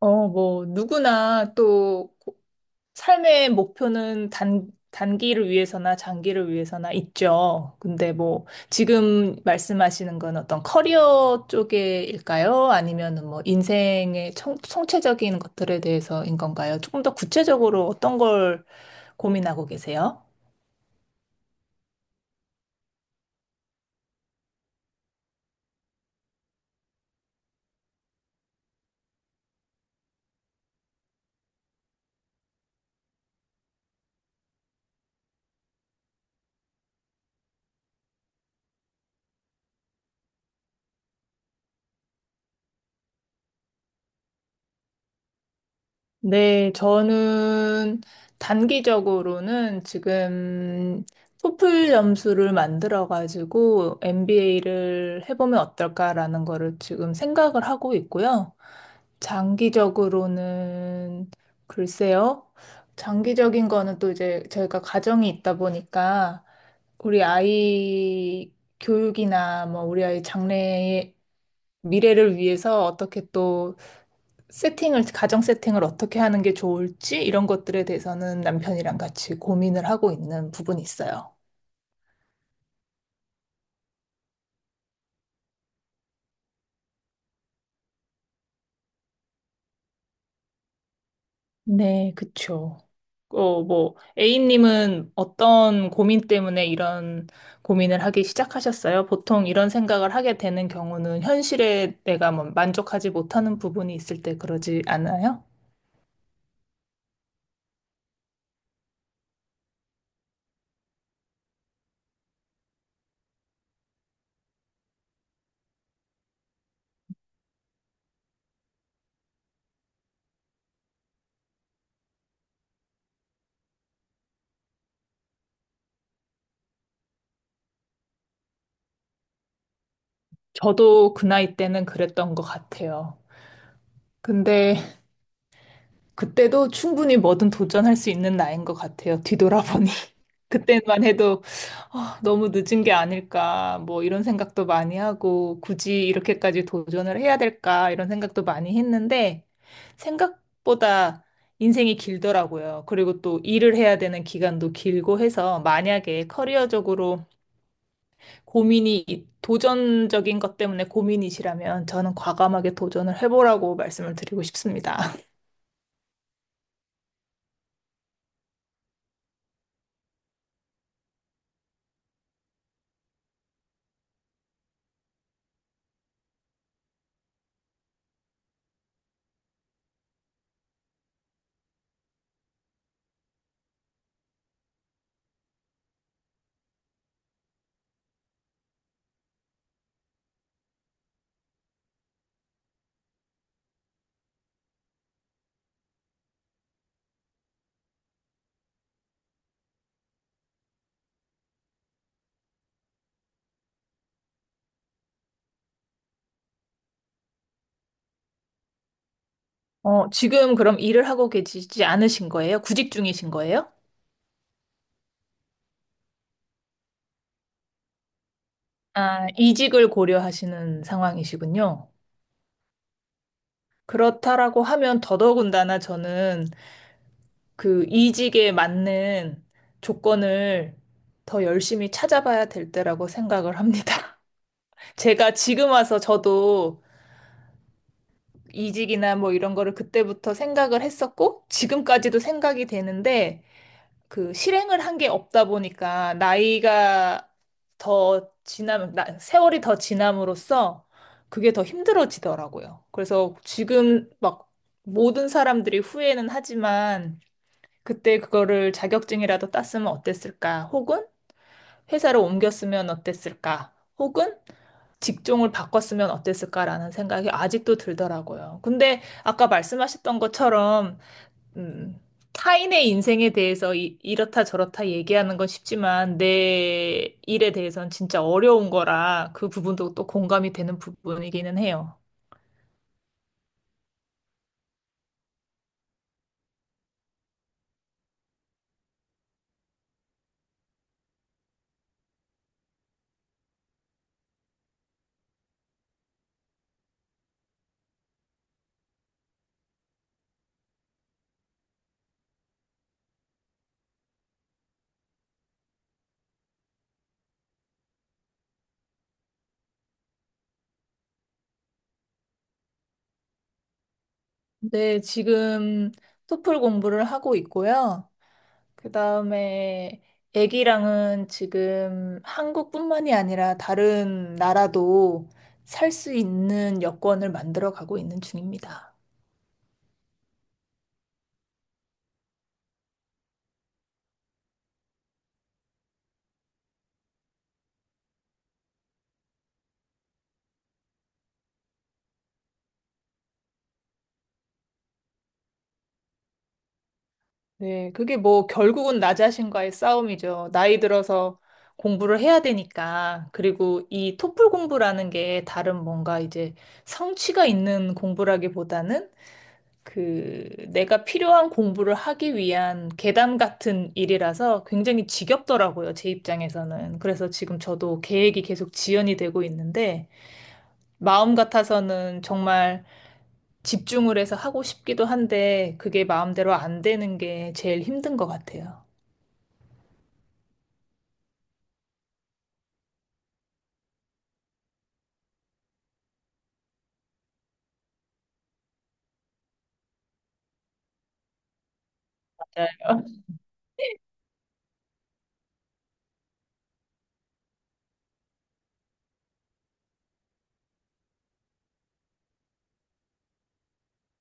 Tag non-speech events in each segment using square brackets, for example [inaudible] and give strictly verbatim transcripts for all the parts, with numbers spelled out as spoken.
어, 뭐, 누구나 또 고- 삶의 목표는 단, 단기를 위해서나 장기를 위해서나 있죠. 근데 뭐, 지금 말씀하시는 건 어떤 커리어 쪽일까요? 아니면은 뭐, 인생의 청, 총체적인 것들에 대해서인 건가요? 조금 더 구체적으로 어떤 걸 고민하고 계세요? 네, 저는 단기적으로는 지금 토플 점수를 만들어가지고 엠비에이를 해보면 어떨까라는 거를 지금 생각을 하고 있고요. 장기적으로는 글쎄요. 장기적인 거는 또 이제 저희가 가정이 있다 보니까 우리 아이 교육이나 뭐 우리 아이 장래의 미래를 위해서 어떻게 또 세팅을, 가정 세팅을 어떻게 하는 게 좋을지 이런 것들에 대해서는 남편이랑 같이 고민을 하고 있는 부분이 있어요. 네, 그쵸. 어, 뭐, A님은 어떤 고민 때문에 이런 고민을 하기 시작하셨어요? 보통 이런 생각을 하게 되는 경우는 현실에 내가 뭐 만족하지 못하는 부분이 있을 때 그러지 않아요? 저도 그 나이 때는 그랬던 것 같아요. 근데 그때도 충분히 뭐든 도전할 수 있는 나이인 것 같아요. 뒤돌아보니. [laughs] 그때만 해도 아, 너무 늦은 게 아닐까, 뭐 이런 생각도 많이 하고, 굳이 이렇게까지 도전을 해야 될까, 이런 생각도 많이 했는데, 생각보다 인생이 길더라고요. 그리고 또 일을 해야 되는 기간도 길고 해서, 만약에 커리어적으로 고민이, 이- 도전적인 것 때문에 고민이시라면, 저는 과감하게 도전을 해보라고 말씀을 드리고 싶습니다. 어, 지금 그럼 일을 하고 계시지 않으신 거예요? 구직 중이신 거예요? 아, 이직을 고려하시는 상황이시군요. 그렇다라고 하면 더더군다나 저는 그 이직에 맞는 조건을 더 열심히 찾아봐야 될 때라고 생각을 합니다. [laughs] 제가 지금 와서 저도 이직이나 뭐 이런 거를 그때부터 생각을 했었고, 지금까지도 생각이 되는데, 그 실행을 한 게 없다 보니까 나이가 더 지나면 나, 세월이 더 지남으로써 그게 더 힘들어지더라고요. 그래서 지금 막 모든 사람들이 후회는 하지만 그때 그거를 자격증이라도 땄으면 어땠을까? 혹은 회사를 옮겼으면 어땠을까? 혹은 직종을 바꿨으면 어땠을까라는 생각이 아직도 들더라고요. 근데 아까 말씀하셨던 것처럼 음, 타인의 인생에 대해서 이, 이렇다 저렇다 얘기하는 건 쉽지만 내 일에 대해서는 진짜 어려운 거라 그 부분도 또 공감이 되는 부분이기는 해요. 네, 지금 토플 공부를 하고 있고요. 그 다음에 애기랑은 지금 한국뿐만이 아니라 다른 나라도 살 수 있는 여권을 만들어 가고 있는 중입니다. 네, 그게 뭐 결국은 나 자신과의 싸움이죠. 나이 들어서 공부를 해야 되니까. 그리고 이 토플 공부라는 게 다른 뭔가 이제 성취가 있는 공부라기보다는 그 내가 필요한 공부를 하기 위한 계단 같은 일이라서 굉장히 지겹더라고요. 제 입장에서는. 그래서 지금 저도 계획이 계속 지연이 되고 있는데 마음 같아서는 정말 집중을 해서 하고 싶기도 한데 그게 마음대로 안 되는 게 제일 힘든 것 같아요. 맞아요. [laughs]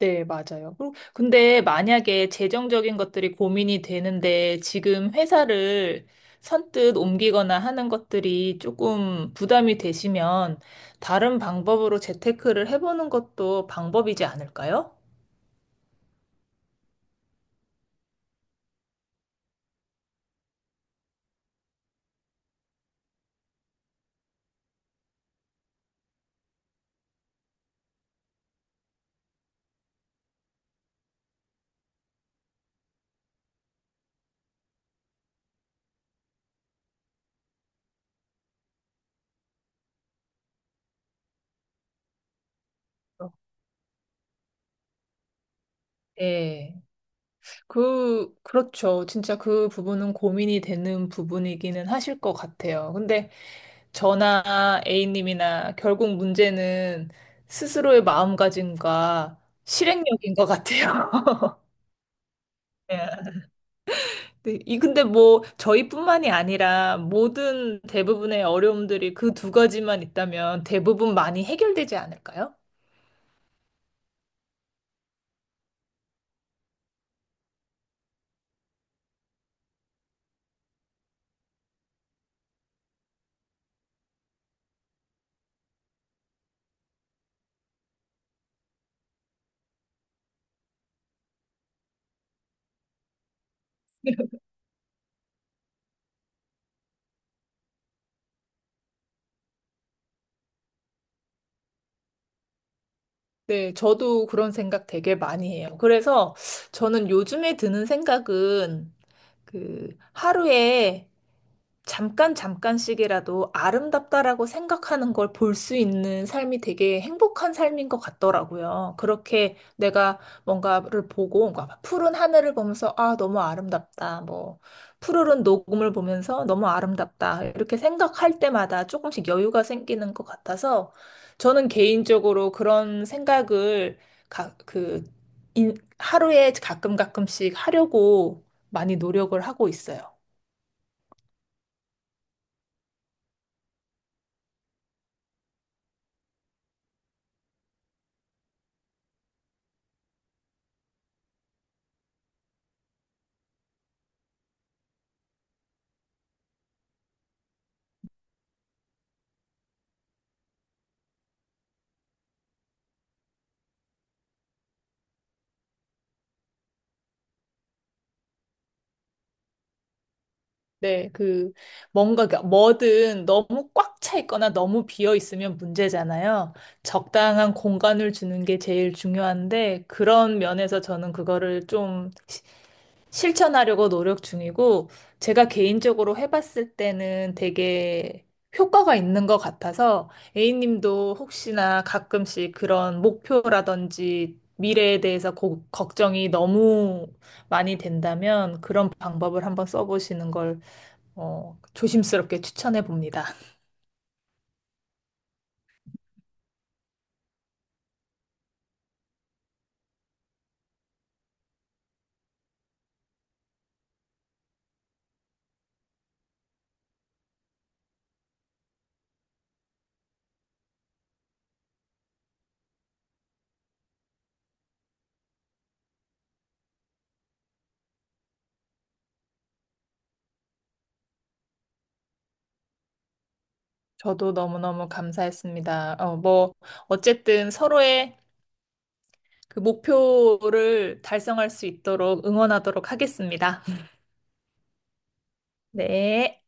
네, 맞아요. 그리고 근데 만약에 재정적인 것들이 고민이 되는데 지금 회사를 선뜻 옮기거나 하는 것들이 조금 부담이 되시면 다른 방법으로 재테크를 해보는 것도 방법이지 않을까요? 네. 그, 그렇죠. 진짜 그 부분은 고민이 되는 부분이기는 하실 것 같아요. 근데 저나 A님이나 결국 문제는 스스로의 마음가짐과 실행력인 것 같아요. [laughs] 예. 네, 이 근데 뭐 저희뿐만이 아니라 모든 대부분의 어려움들이 그 두 가지만 있다면 대부분 많이 해결되지 않을까요? 네, 저도 그런 생각 되게 많이 해요. 그래서 저는 요즘에 드는 생각은 그 하루에 잠깐 잠깐씩이라도 아름답다라고 생각하는 걸 볼 수 있는 삶이 되게 행복한 삶인 것 같더라고요. 그렇게 내가 뭔가를 보고 뭔가 푸른 하늘을 보면서 아, 너무 아름답다. 뭐 푸르른 녹음을 보면서 너무 아름답다. 이렇게 생각할 때마다 조금씩 여유가 생기는 것 같아서 저는 개인적으로 그런 생각을 가, 그 인, 하루에 가끔 가끔씩 하려고 많이 노력을 하고 있어요. 네, 그, 뭔가, 그러니까 뭐든 너무 꽉 차 있거나 너무 비어 있으면 문제잖아요. 적당한 공간을 주는 게 제일 중요한데, 그런 면에서 저는 그거를 좀 시- 실천하려고 노력 중이고, 제가 개인적으로 해봤을 때는 되게 효과가 있는 것 같아서, A님도 혹시나 가끔씩 그런 목표라든지 미래에 대해서 고- 걱정이 너무 많이 된다면, 그런 방법을 한번 써보시는 걸 어, 조심스럽게 추천해 봅니다. 저도 너무너무 감사했습니다. 어, 뭐, 어쨌든 서로의 그 목표를 달성할 수 있도록 응원하도록 하겠습니다. [laughs] 네.